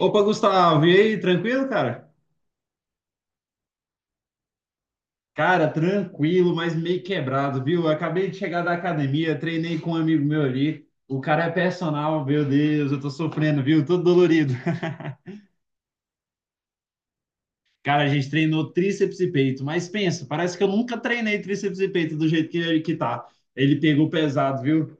Opa, Gustavo, e aí, tranquilo, cara? Cara, tranquilo, mas meio quebrado, viu? Eu acabei de chegar da academia, treinei com um amigo meu ali. O cara é personal, meu Deus, eu tô sofrendo, viu? Todo dolorido. Cara, a gente treinou tríceps e peito, mas pensa, parece que eu nunca treinei tríceps e peito do jeito que ele que tá. Ele pegou pesado, viu?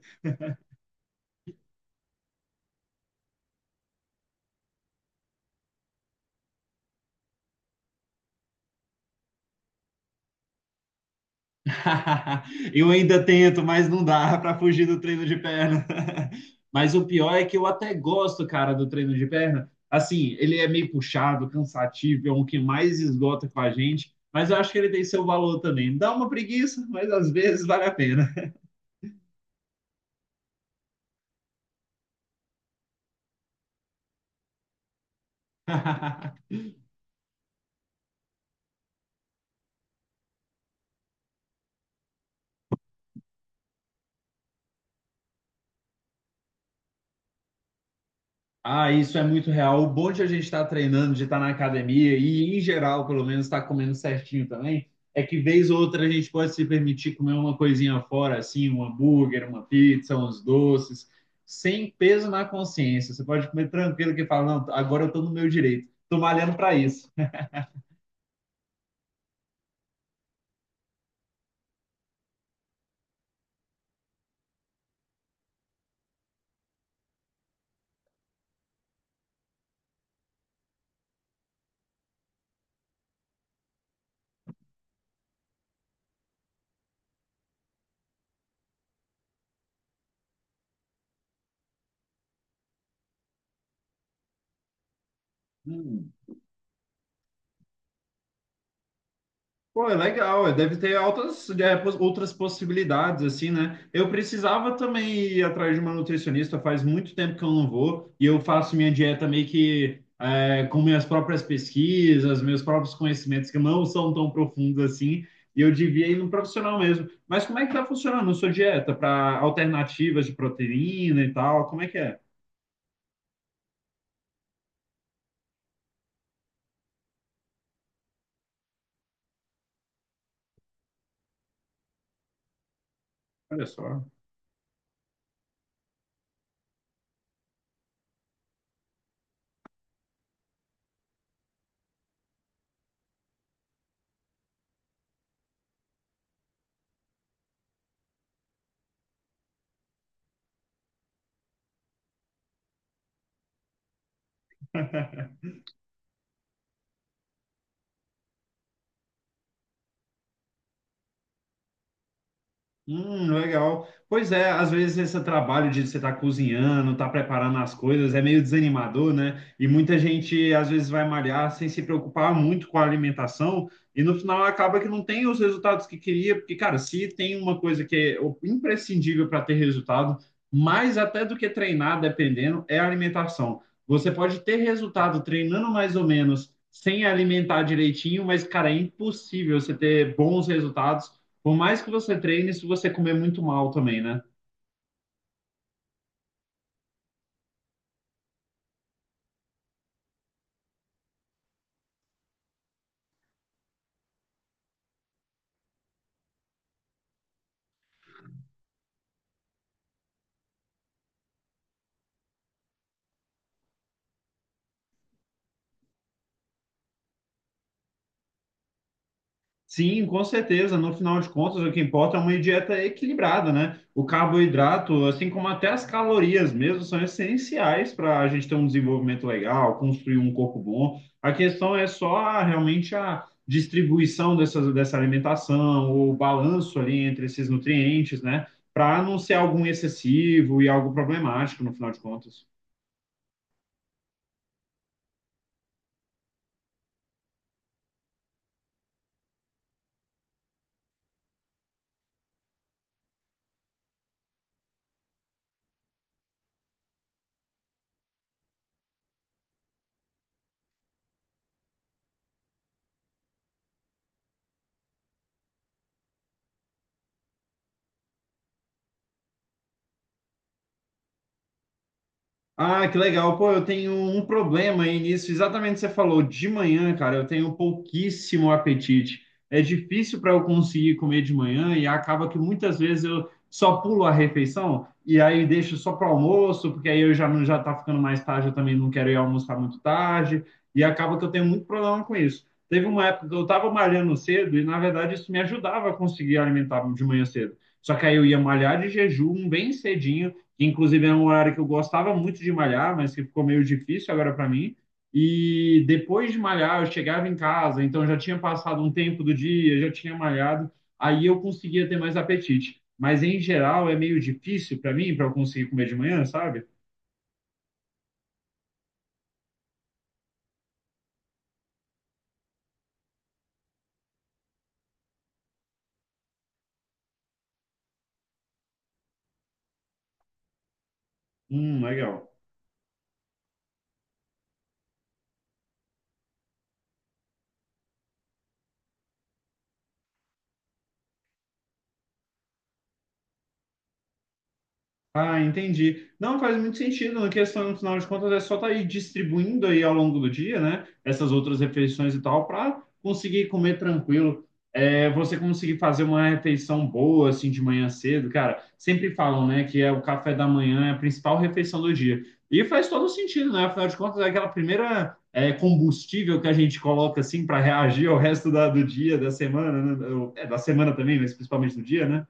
Eu ainda tento, mas não dá para fugir do treino de perna. Mas o pior é que eu até gosto, cara, do treino de perna. Assim, ele é meio puxado, cansativo, é um que mais esgota com a gente, mas eu acho que ele tem seu valor também. Dá uma preguiça, mas às vezes vale a pena. Ah, isso é muito real. O bom de a gente estar treinando, de estar na academia e, em geral, pelo menos, estar comendo certinho também, é que, vez ou outra, a gente pode se permitir comer uma coisinha fora, assim, um hambúrguer, uma pizza, uns doces, sem peso na consciência. Você pode comer tranquilo que fala, não, agora eu estou no meu direito. Estou malhando para isso. Hum. Pô, é legal, é, deve ter altas, outras possibilidades, assim, né? Eu precisava também ir atrás de uma nutricionista, faz muito tempo que eu não vou, e eu faço minha dieta meio que é, com minhas próprias pesquisas, meus próprios conhecimentos, que não são tão profundos assim, e eu devia ir num profissional mesmo. Mas como é que tá funcionando a sua dieta para alternativas de proteína e tal? Como é que é? Olha só. Legal. Pois é, às vezes esse trabalho de você estar cozinhando, estar preparando as coisas é meio desanimador, né? E muita gente às vezes vai malhar sem se preocupar muito com a alimentação e no final acaba que não tem os resultados que queria, porque, cara, se tem uma coisa imprescindível para ter resultado, mais até do que treinar, dependendo, é a alimentação. Você pode ter resultado treinando mais ou menos sem alimentar direitinho, mas, cara, é impossível você ter bons resultados por mais que você treine, se você comer muito mal também, né? Sim, com certeza. No final de contas, o que importa é uma dieta equilibrada, né? O carboidrato, assim como até as calorias mesmo, são essenciais para a gente ter um desenvolvimento legal, construir um corpo bom. A questão é realmente a distribuição dessa alimentação, o balanço ali entre esses nutrientes, né? Para não ser algum excessivo e algo problemático, no final de contas. Ah, que legal. Pô, eu tenho um problema aí nisso. Exatamente o que você falou. De manhã, cara, eu tenho pouquíssimo apetite. É difícil para eu conseguir comer de manhã e acaba que muitas vezes eu só pulo a refeição e aí deixo só para almoço, porque aí eu já não já tá ficando mais tarde, eu também não quero ir almoçar muito tarde e acaba que eu tenho muito problema com isso. Teve uma época que eu estava malhando cedo e na verdade isso me ajudava a conseguir alimentar de manhã cedo. Só que aí eu ia malhar de jejum bem cedinho que inclusive é um horário que eu gostava muito de malhar, mas que ficou meio difícil agora para mim. E depois de malhar, eu chegava em casa, então já tinha passado um tempo do dia, já tinha malhado, aí eu conseguia ter mais apetite. Mas em geral é meio difícil para mim, para eu conseguir comer de manhã, sabe? Legal. Ah, entendi. Não faz muito sentido, na questão, no final de contas, é só estar aí distribuindo aí ao longo do dia, né? Essas outras refeições e tal, para conseguir comer tranquilo. É, você conseguir fazer uma refeição boa, assim, de manhã cedo, cara. Sempre falam, né, que o café da manhã é a principal refeição do dia. E faz todo sentido, né? Afinal de contas, é aquela primeira combustível que a gente coloca, assim, para reagir ao resto do dia, da semana, né? É, da semana também, mas principalmente do dia, né?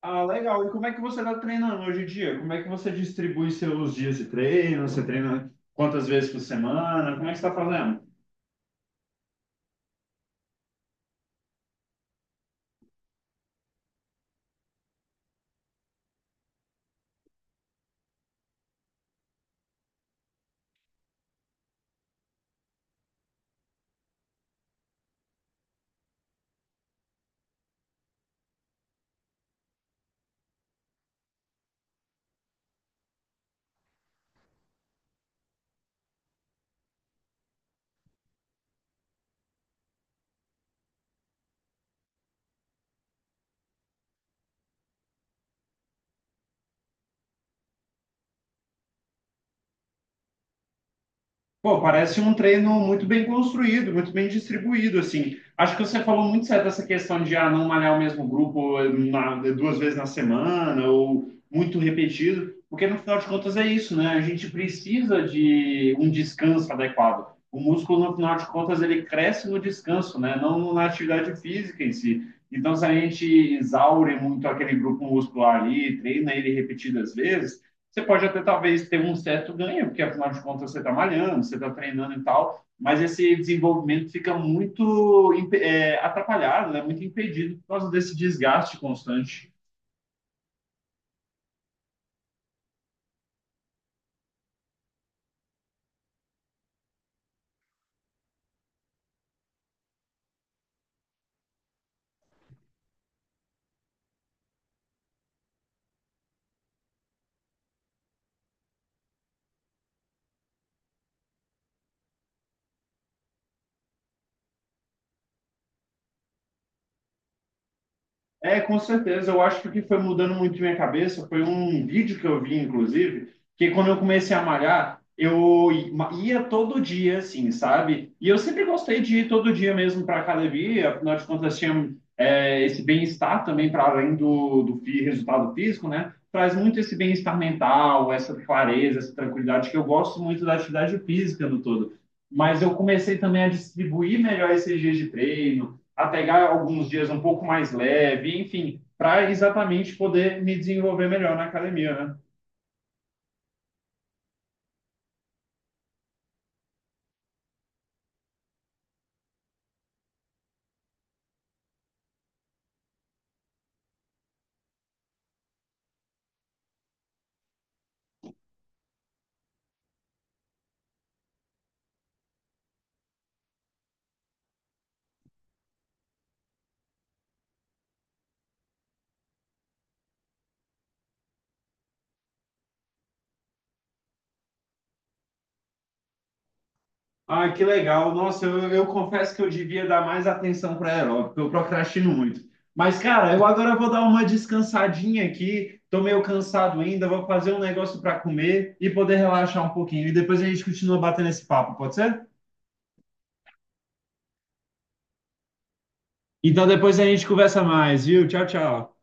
Ah, legal. E como é que você está treinando hoje em dia? Como é que você distribui seus dias de treino? Você treina quantas vezes por semana? Como é que você está fazendo? Pô, parece um treino muito bem construído, muito bem distribuído, assim. Acho que você falou muito certo essa questão de ah, não malhar o mesmo grupo duas vezes na semana ou muito repetido, porque no final de contas é isso, né? A gente precisa de um descanso adequado. O músculo, no final de contas, ele cresce no descanso, né? Não na atividade física em si. Então, se a gente exaure muito aquele grupo muscular ali, treina ele repetidas vezes, você pode até talvez ter um certo ganho, porque afinal de contas você está malhando, você está treinando e tal, mas esse desenvolvimento fica muito atrapalhado, né? Muito impedido por causa desse desgaste constante. É, com certeza. Eu acho que o que foi mudando muito minha cabeça foi um vídeo que eu vi, inclusive, que quando eu comecei a malhar, eu ia todo dia, assim, sabe? E eu sempre gostei de ir todo dia mesmo para academia, afinal de contas, tinha é, esse bem-estar também para além do resultado físico, né? Traz muito esse bem-estar mental, essa clareza, essa tranquilidade, que eu gosto muito da atividade física no todo. Mas eu comecei também a distribuir melhor esses dias de treino a pegar alguns dias um pouco mais leve, enfim, para exatamente poder me desenvolver melhor na academia, né? Ah, que legal. Nossa, eu confesso que eu devia dar mais atenção para aeróbico, porque eu procrastino muito. Mas, cara, eu agora vou dar uma descansadinha aqui, tô meio cansado ainda, vou fazer um negócio para comer e poder relaxar um pouquinho. E depois a gente continua batendo esse papo, pode ser? Então depois a gente conversa mais, viu? Tchau, tchau.